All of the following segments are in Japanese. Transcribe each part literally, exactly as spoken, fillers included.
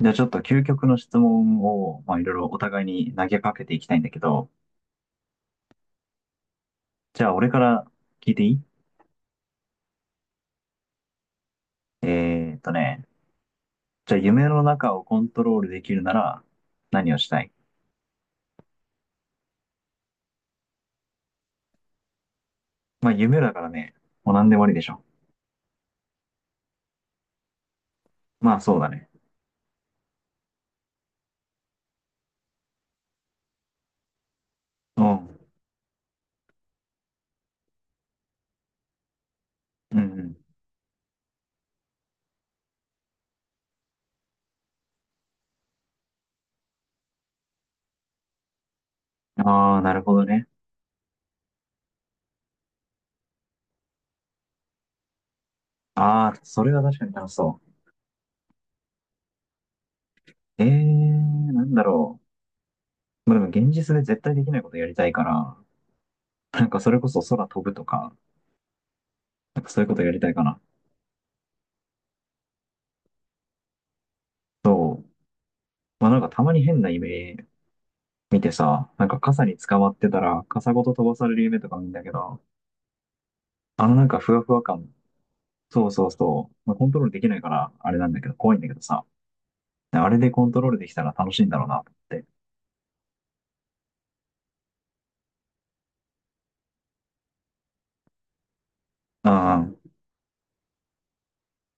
じゃあちょっと究極の質問を、まあ、いろいろお互いに投げかけていきたいんだけど、じゃあ俺から聞いていい？えーっとね、じゃあ夢の中をコントロールできるなら何をしたい？まあ夢だからね、もう何でもありでしょ。まあそうだね。うん。うんうん。ああ、なるほどね。ああ、それは確かに楽しそう。えー、なんだろう。まあでも現実で絶対できないことやりたいから、なんかそれこそ空飛ぶとか、なんかそういうことやりたいかな。そう。まあなんかたまに変な夢見てさ、なんか傘に捕まってたら、傘ごと飛ばされる夢とか見るんだけど、あのなんかふわふわ感、そうそうそう、まあ、コントロールできないから、あれなんだけど、怖いんだけどさ、あれでコントロールできたら楽しいんだろうなと思って。うんうん、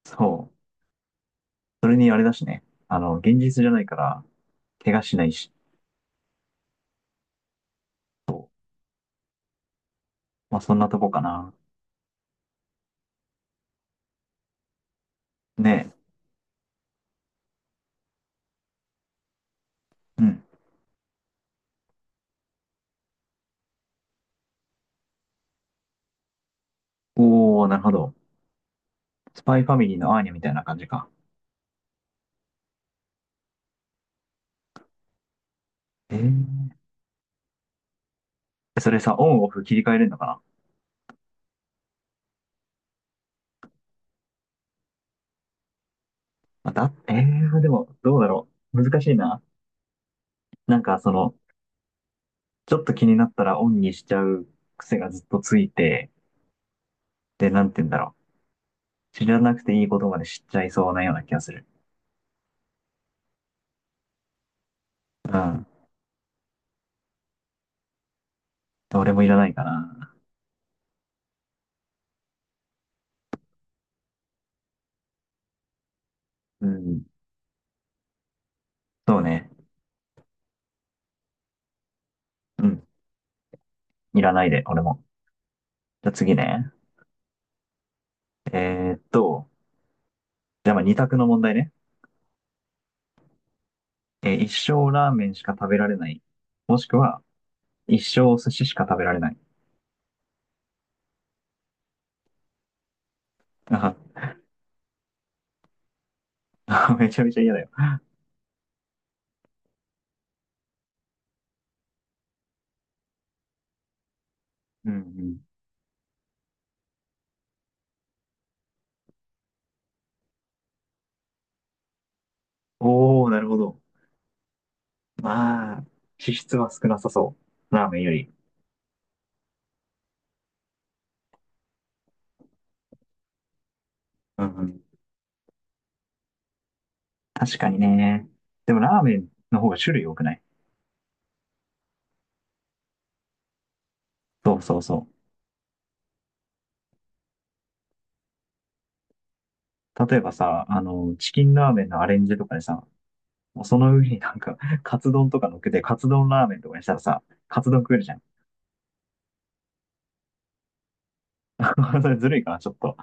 そう。それにあれだしね、あの、現実じゃないから、怪我しないし、まあそんなとこかな。ね、え、うん。おー、なるほど。スパイファミリーのアーニャみたいな感じか。えー、それさ、オンオフ切り替えれるのかな？まあだ、えー、でも、どうだろう。難しいな。なんか、その、ちょっと気になったらオンにしちゃう癖がずっとついて、で、なんて言うんだろう。知らなくていいことまで知っちゃいそうなような気がする。うん。俺もいらないかな。うん。そうね。うん。いらないで、俺も。じゃあ次ね。えーっと、じゃあまあ二択の問題ね。えー一生ラーメンしか食べられない。もしくは、一生お寿司しか食べられない。あは、 めちゃめちゃ嫌だよ。うんうん。おー、なるほど。まあ、脂質は少なさそう。ラーメンより。うんうん。確かにね。でもラーメンの方が種類多くない？そうそうそう。例えばさ、あの、チキンラーメンのアレンジとかでさ、もうその上になんか、カツ丼とか乗っけて、カツ丼ラーメンとかにしたらさ、カツ丼食えるじゃん。それずるいかな、ちょっと。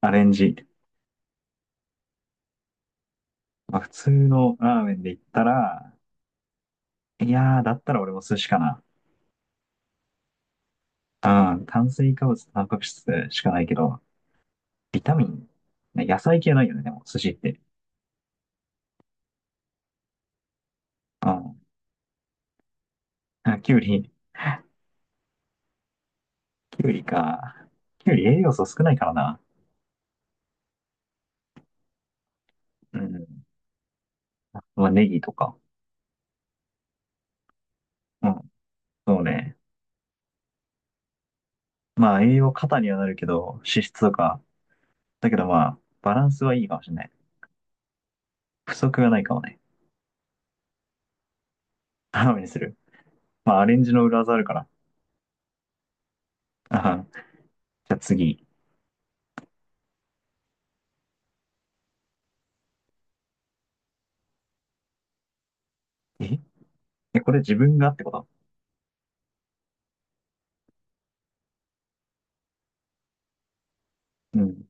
アレンジ。まあ、普通のラーメンで言ったら、いやー、だったら俺も寿司かな。うん、炭水化物とタンパク質しかないけど、ビタミン、ね、野菜系ないよね、でも、寿司って。うん。あ、きゅうり、きゅうりか。きゅうり栄養素少ないからな。うん。まあ、ネギとか。うん。そうね。まあ、栄養過多にはなるけど、脂質とか。だけどまあ、バランスはいいかもしれない。不足がないかもね。頼みにする。まあ、アレンジの裏技あるから。あはんじゃあ次。え、えこれ自分がってこと？うん。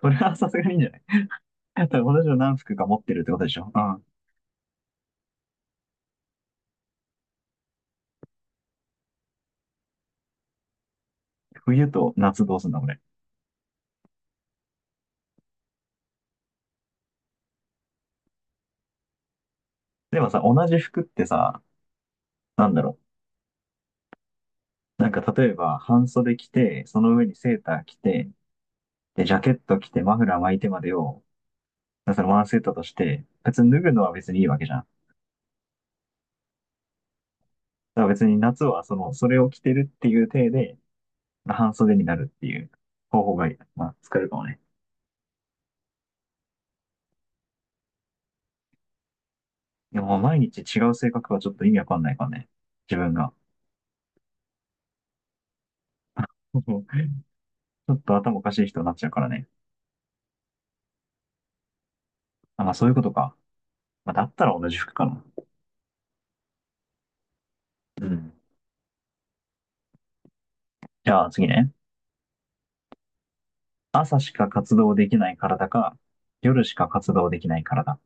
それはさすがにいいんじゃない？ だって同じの何服か持ってるってことでしょ？うん。冬と夏どうすんだ、これ。でもさ、同じ服ってさ、なんだろう。なんか例えば、半袖着て、その上にセーター着て、で、ジャケット着て、マフラー巻いてまでを、だからそのワンセットとして、別に脱ぐのは別にいいわけじゃん。だから別に夏はその、それを着てるっていう体で、半袖になるっていう方法が、まあ、使えるかもね。でも毎日違う性格はちょっと意味わかんないからね。自分が。ちょっと頭おかしい人になっちゃうからね。あ、まあそういうことか。まあ、だったら同じ服かな。うん。じゃあ次ね。朝しか活動できない体か、夜しか活動できない体。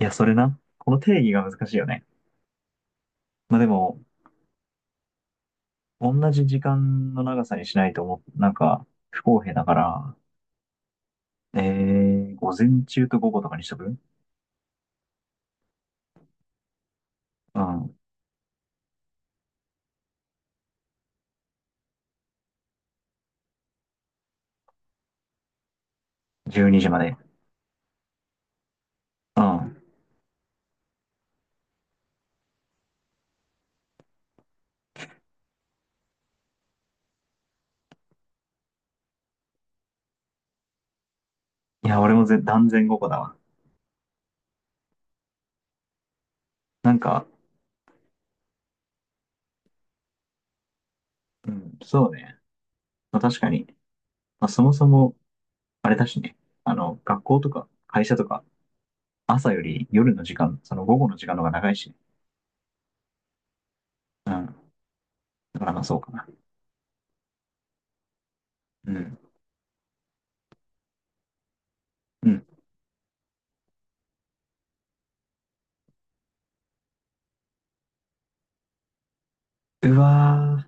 いや、それな。この定義が難しいよね。まあでも、同じ時間の長さにしないと思う、なんか、不公平だから、えー、午前中と午後とかにしとく？うん。じゅうにじまで。うん。いや、俺もぜ断然午後だわ。なんか、うん、そうね。まあ、確かに。まあ、そもそも、あれだしね。あの、学校とか会社とか、朝より夜の時間、その午後の時間の方が長いしね。うん。だからまあそうかな。うん。うん。うわ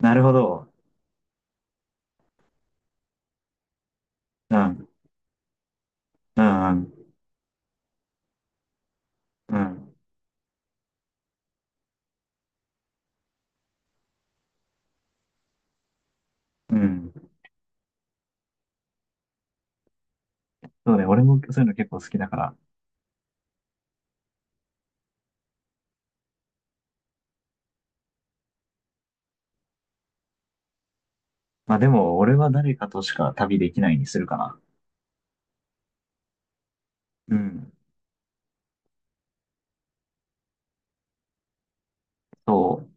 ー。なるほど。うん。うん、うん。うん。うん。そうね。俺もそういうの結構好きだから、まあでも、俺は誰かとしか旅できないにするかな。うん。そう。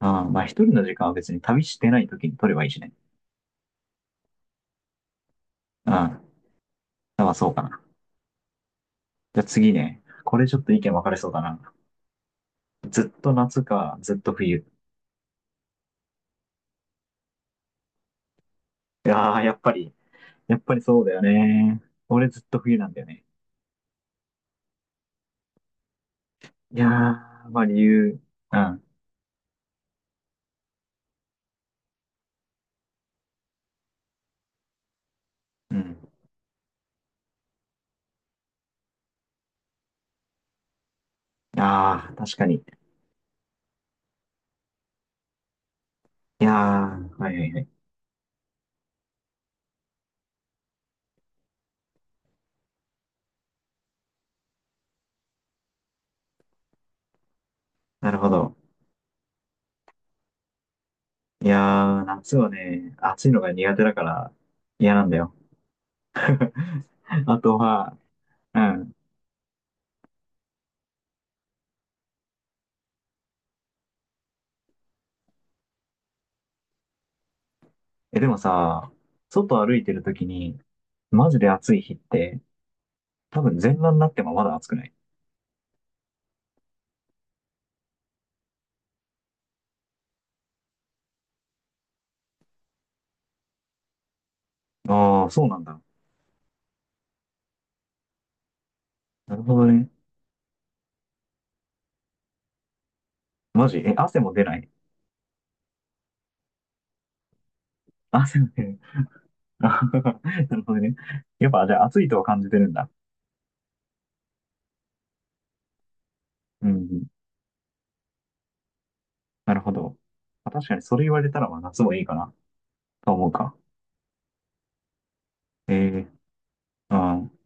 うん。まあ一人の時間は別に旅してない時に取ればいいしね。うん。まあそうかな。じゃあ次ね。これちょっと意見分かれそうだな。ずっと夏か、ずっと冬。いやー、やっぱり、やっぱりそうだよね。俺ずっと冬なんだよね。いやー、まあ理由。うん。うん。ああ、確かに。いやー、はいはいはい。なるほど。いやー、夏はね、暑いのが苦手だから嫌なんだよ。あとは、うん。え、でもさ、外歩いてるときに、マジで暑い日って、多分全裸になってもまだ暑くない？ああー、そうなんだ。なるほどね。マジ、え、汗も出ない？汗も出ない。なるほどね。やっぱ、じゃあ暑いとは感じてるんだ。うん。なるほど。まあ確かにそれ言われたら、まあ夏もいいかな、と思うか。ええうん。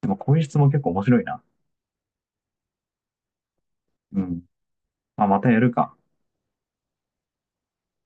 でもこういう質問結構面白いな。うん。まあ、またやるか。